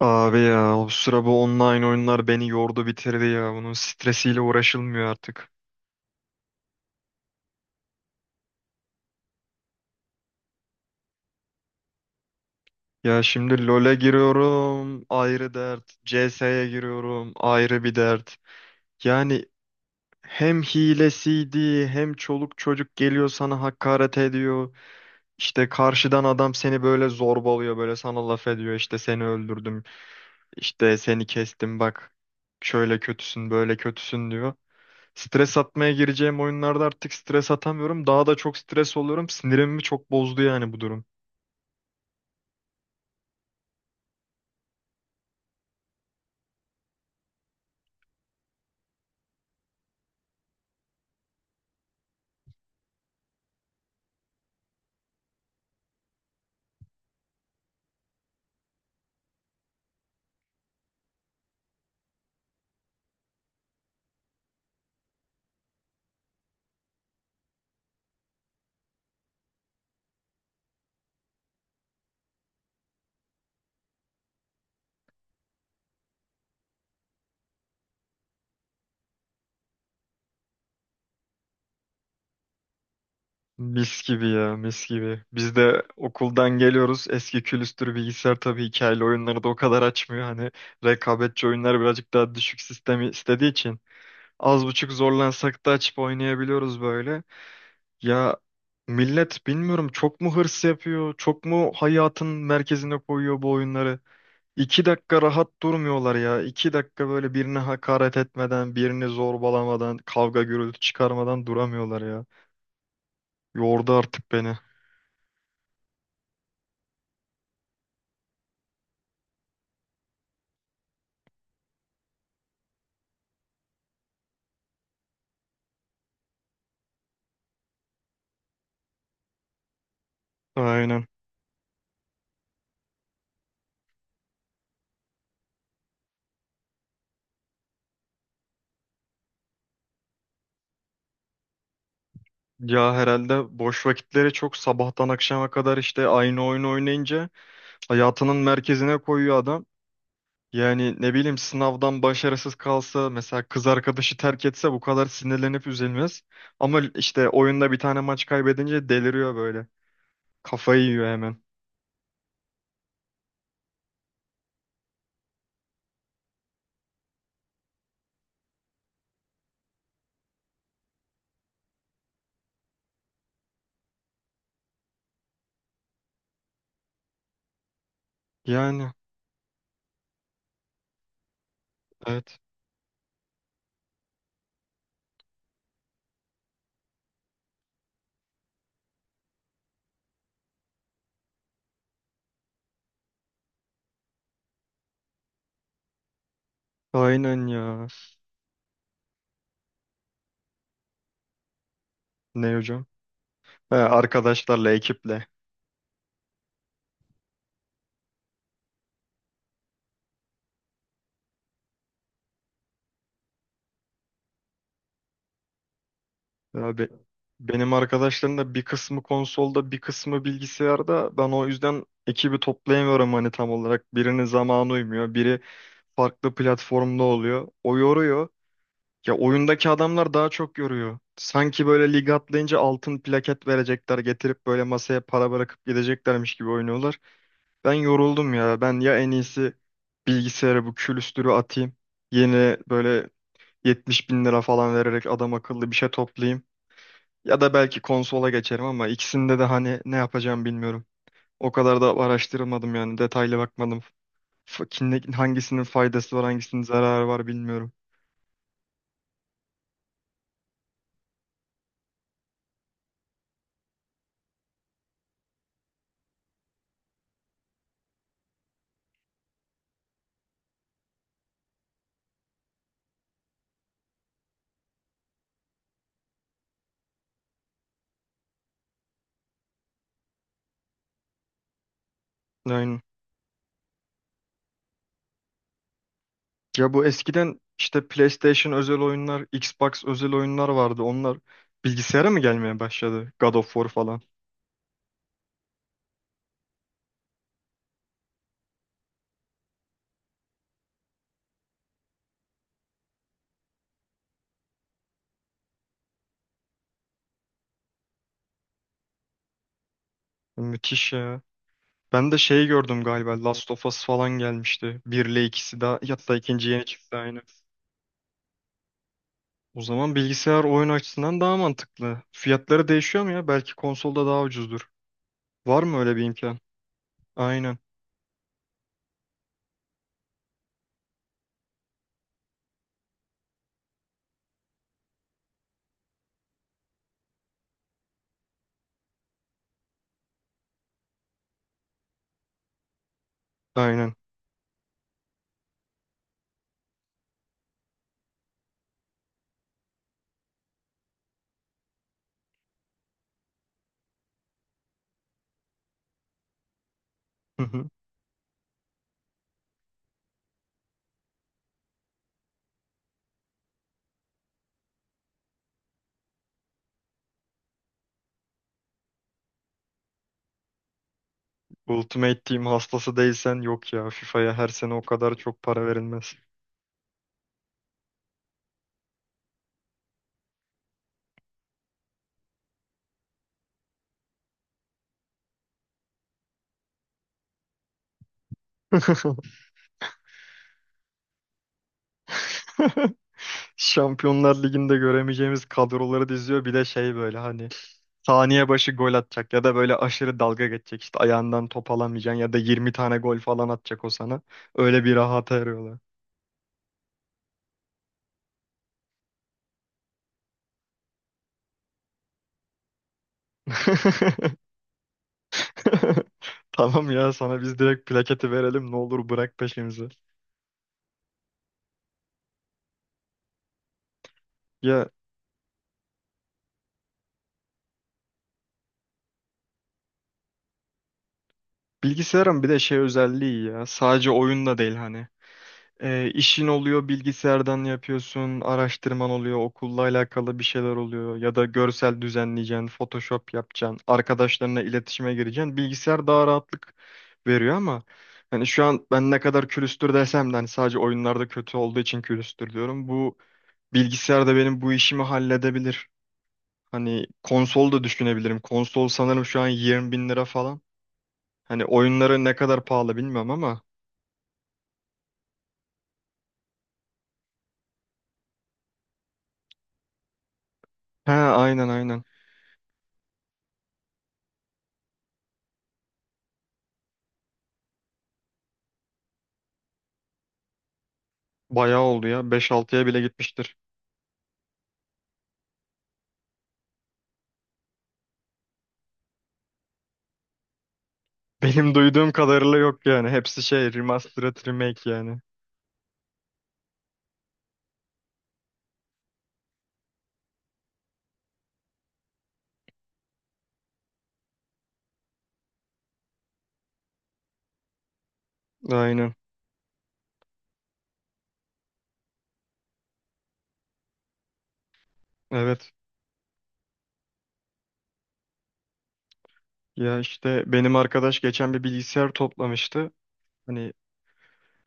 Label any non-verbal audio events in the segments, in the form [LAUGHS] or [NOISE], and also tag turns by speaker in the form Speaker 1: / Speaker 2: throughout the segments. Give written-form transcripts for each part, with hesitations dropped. Speaker 1: Abi ya o sıra bu online oyunlar beni yordu bitirdi ya. Bunun stresiyle uğraşılmıyor artık. Ya şimdi LoL'e giriyorum ayrı dert. CS'ye giriyorum ayrı bir dert. Yani hem hilesiydi hem çoluk çocuk geliyor sana hakaret ediyor. İşte karşıdan adam seni böyle zorbalıyor böyle sana laf ediyor. İşte seni öldürdüm işte seni kestim bak şöyle kötüsün böyle kötüsün diyor. Stres atmaya gireceğim oyunlarda artık stres atamıyorum. Daha da çok stres oluyorum. Sinirimi çok bozdu yani bu durum. Mis gibi ya, mis gibi. Biz de okuldan geliyoruz. Eski külüstür bilgisayar tabii hikayeli oyunları da o kadar açmıyor. Hani rekabetçi oyunlar birazcık daha düşük sistemi istediği için. Az buçuk zorlansak da açıp oynayabiliyoruz böyle. Ya millet bilmiyorum çok mu hırs yapıyor, çok mu hayatın merkezine koyuyor bu oyunları. İki dakika rahat durmuyorlar ya. İki dakika böyle birine hakaret etmeden, birini zorbalamadan, kavga gürültü çıkarmadan duramıyorlar ya. Yordu artık beni. Aynen. Ya herhalde boş vakitleri çok sabahtan akşama kadar işte aynı oyunu oynayınca hayatının merkezine koyuyor adam. Yani ne bileyim sınavdan başarısız kalsa mesela kız arkadaşı terk etse bu kadar sinirlenip üzülmez. Ama işte oyunda bir tane maç kaybedince deliriyor böyle. Kafayı yiyor hemen. Yani evet. Aynen ya. Ne hocam? He, arkadaşlarla, ekiple. Abi, benim arkadaşlarım da bir kısmı konsolda, bir kısmı bilgisayarda. Ben o yüzden ekibi toplayamıyorum hani tam olarak. Birinin zamanı uymuyor, biri farklı platformda oluyor. O yoruyor. Ya oyundaki adamlar daha çok yoruyor. Sanki böyle lig atlayınca altın plaket verecekler, getirip böyle masaya para bırakıp gideceklermiş gibi oynuyorlar. Ben yoruldum ya. Ben ya en iyisi bilgisayara bu külüstürü atayım. Yeni böyle 70 bin lira falan vererek adam akıllı bir şey toplayayım. Ya da belki konsola geçerim ama ikisinde de hani ne yapacağım bilmiyorum. O kadar da araştırmadım yani detaylı bakmadım. Hangisinin faydası var hangisinin zararı var bilmiyorum. Aynen. Ya bu eskiden işte PlayStation özel oyunlar, Xbox özel oyunlar vardı. Onlar bilgisayara mı gelmeye başladı? God of War falan. Müthiş ya. Ben de şey gördüm galiba Last of Us falan gelmişti. Bir, ile ikisi daha hatta ikinci yeni çıktı aynı. O zaman bilgisayar oyun açısından daha mantıklı. Fiyatları değişiyor mu ya? Belki konsolda daha ucuzdur. Var mı öyle bir imkan? Aynen. Aynen. Hı hı. Ultimate Team hastası değilsen yok ya. FIFA'ya her sene o kadar çok para verilmez. [LAUGHS] Şampiyonlar Ligi'nde göremeyeceğimiz kadroları diziyor. Bir de şey böyle hani saniye başı gol atacak ya da böyle aşırı dalga geçecek. İşte ayağından top alamayacaksın ya da 20 tane gol falan atacak o sana. Öyle bir rahata eriyorlar. [LAUGHS] [LAUGHS] Tamam ya sana biz direkt plaketi verelim ne olur bırak peşimizi. Ya bilgisayarın bir de şey özelliği ya sadece oyunda değil hani. İşin oluyor bilgisayardan yapıyorsun, araştırman oluyor, okulla alakalı bir şeyler oluyor ya da görsel düzenleyeceksin, Photoshop yapacaksın, arkadaşlarına iletişime gireceksin. Bilgisayar daha rahatlık veriyor ama hani şu an ben ne kadar külüstür desem de hani sadece oyunlarda kötü olduğu için külüstür diyorum. Bu bilgisayar da benim bu işimi halledebilir. Hani konsol da düşünebilirim. Konsol sanırım şu an 20 bin lira falan. Hani oyunları ne kadar pahalı bilmiyorum ama. He, aynen aynen. Bayağı oldu ya. Beş altıya bile gitmiştir. [LAUGHS] Benim duyduğum kadarıyla yok yani. Hepsi şey remastered remake yani. Aynen. Evet. Ya işte benim arkadaş geçen bir bilgisayar toplamıştı. Hani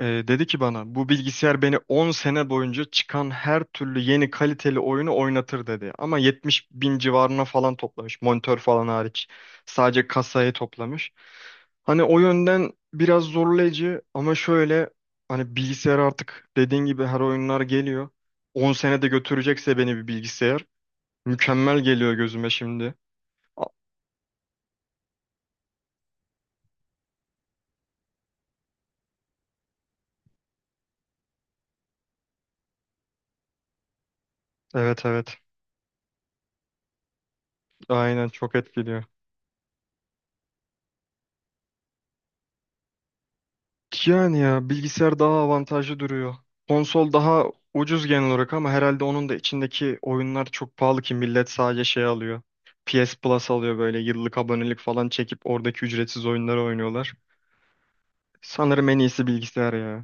Speaker 1: Dedi ki bana bu bilgisayar beni 10 sene boyunca çıkan her türlü yeni kaliteli oyunu oynatır dedi. Ama 70 bin civarına falan toplamış. Monitör falan hariç. Sadece kasayı toplamış. Hani o yönden biraz zorlayıcı ama şöyle hani bilgisayar artık dediğin gibi her oyunlar geliyor. 10 sene de götürecekse beni bir bilgisayar. Mükemmel geliyor gözüme şimdi. A- Evet, evet. Aynen, çok etkiliyor. Yani ya bilgisayar daha avantajlı duruyor. Konsol daha ucuz genel olarak ama herhalde onun da içindeki oyunlar çok pahalı ki millet sadece şey alıyor. PS Plus alıyor böyle yıllık abonelik falan çekip oradaki ücretsiz oyunları oynuyorlar. Sanırım en iyisi bilgisayar ya.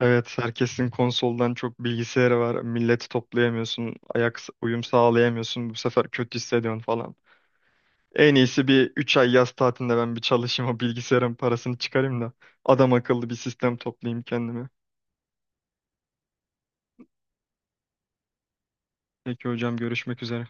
Speaker 1: Evet, herkesin konsoldan çok bilgisayarı var. Milleti toplayamıyorsun, ayak uyum sağlayamıyorsun. Bu sefer kötü hissediyorsun falan. En iyisi bir 3 ay yaz tatilinde ben bir çalışayım o bilgisayarın parasını çıkarayım da adam akıllı bir sistem toplayayım kendime. Peki hocam, görüşmek üzere.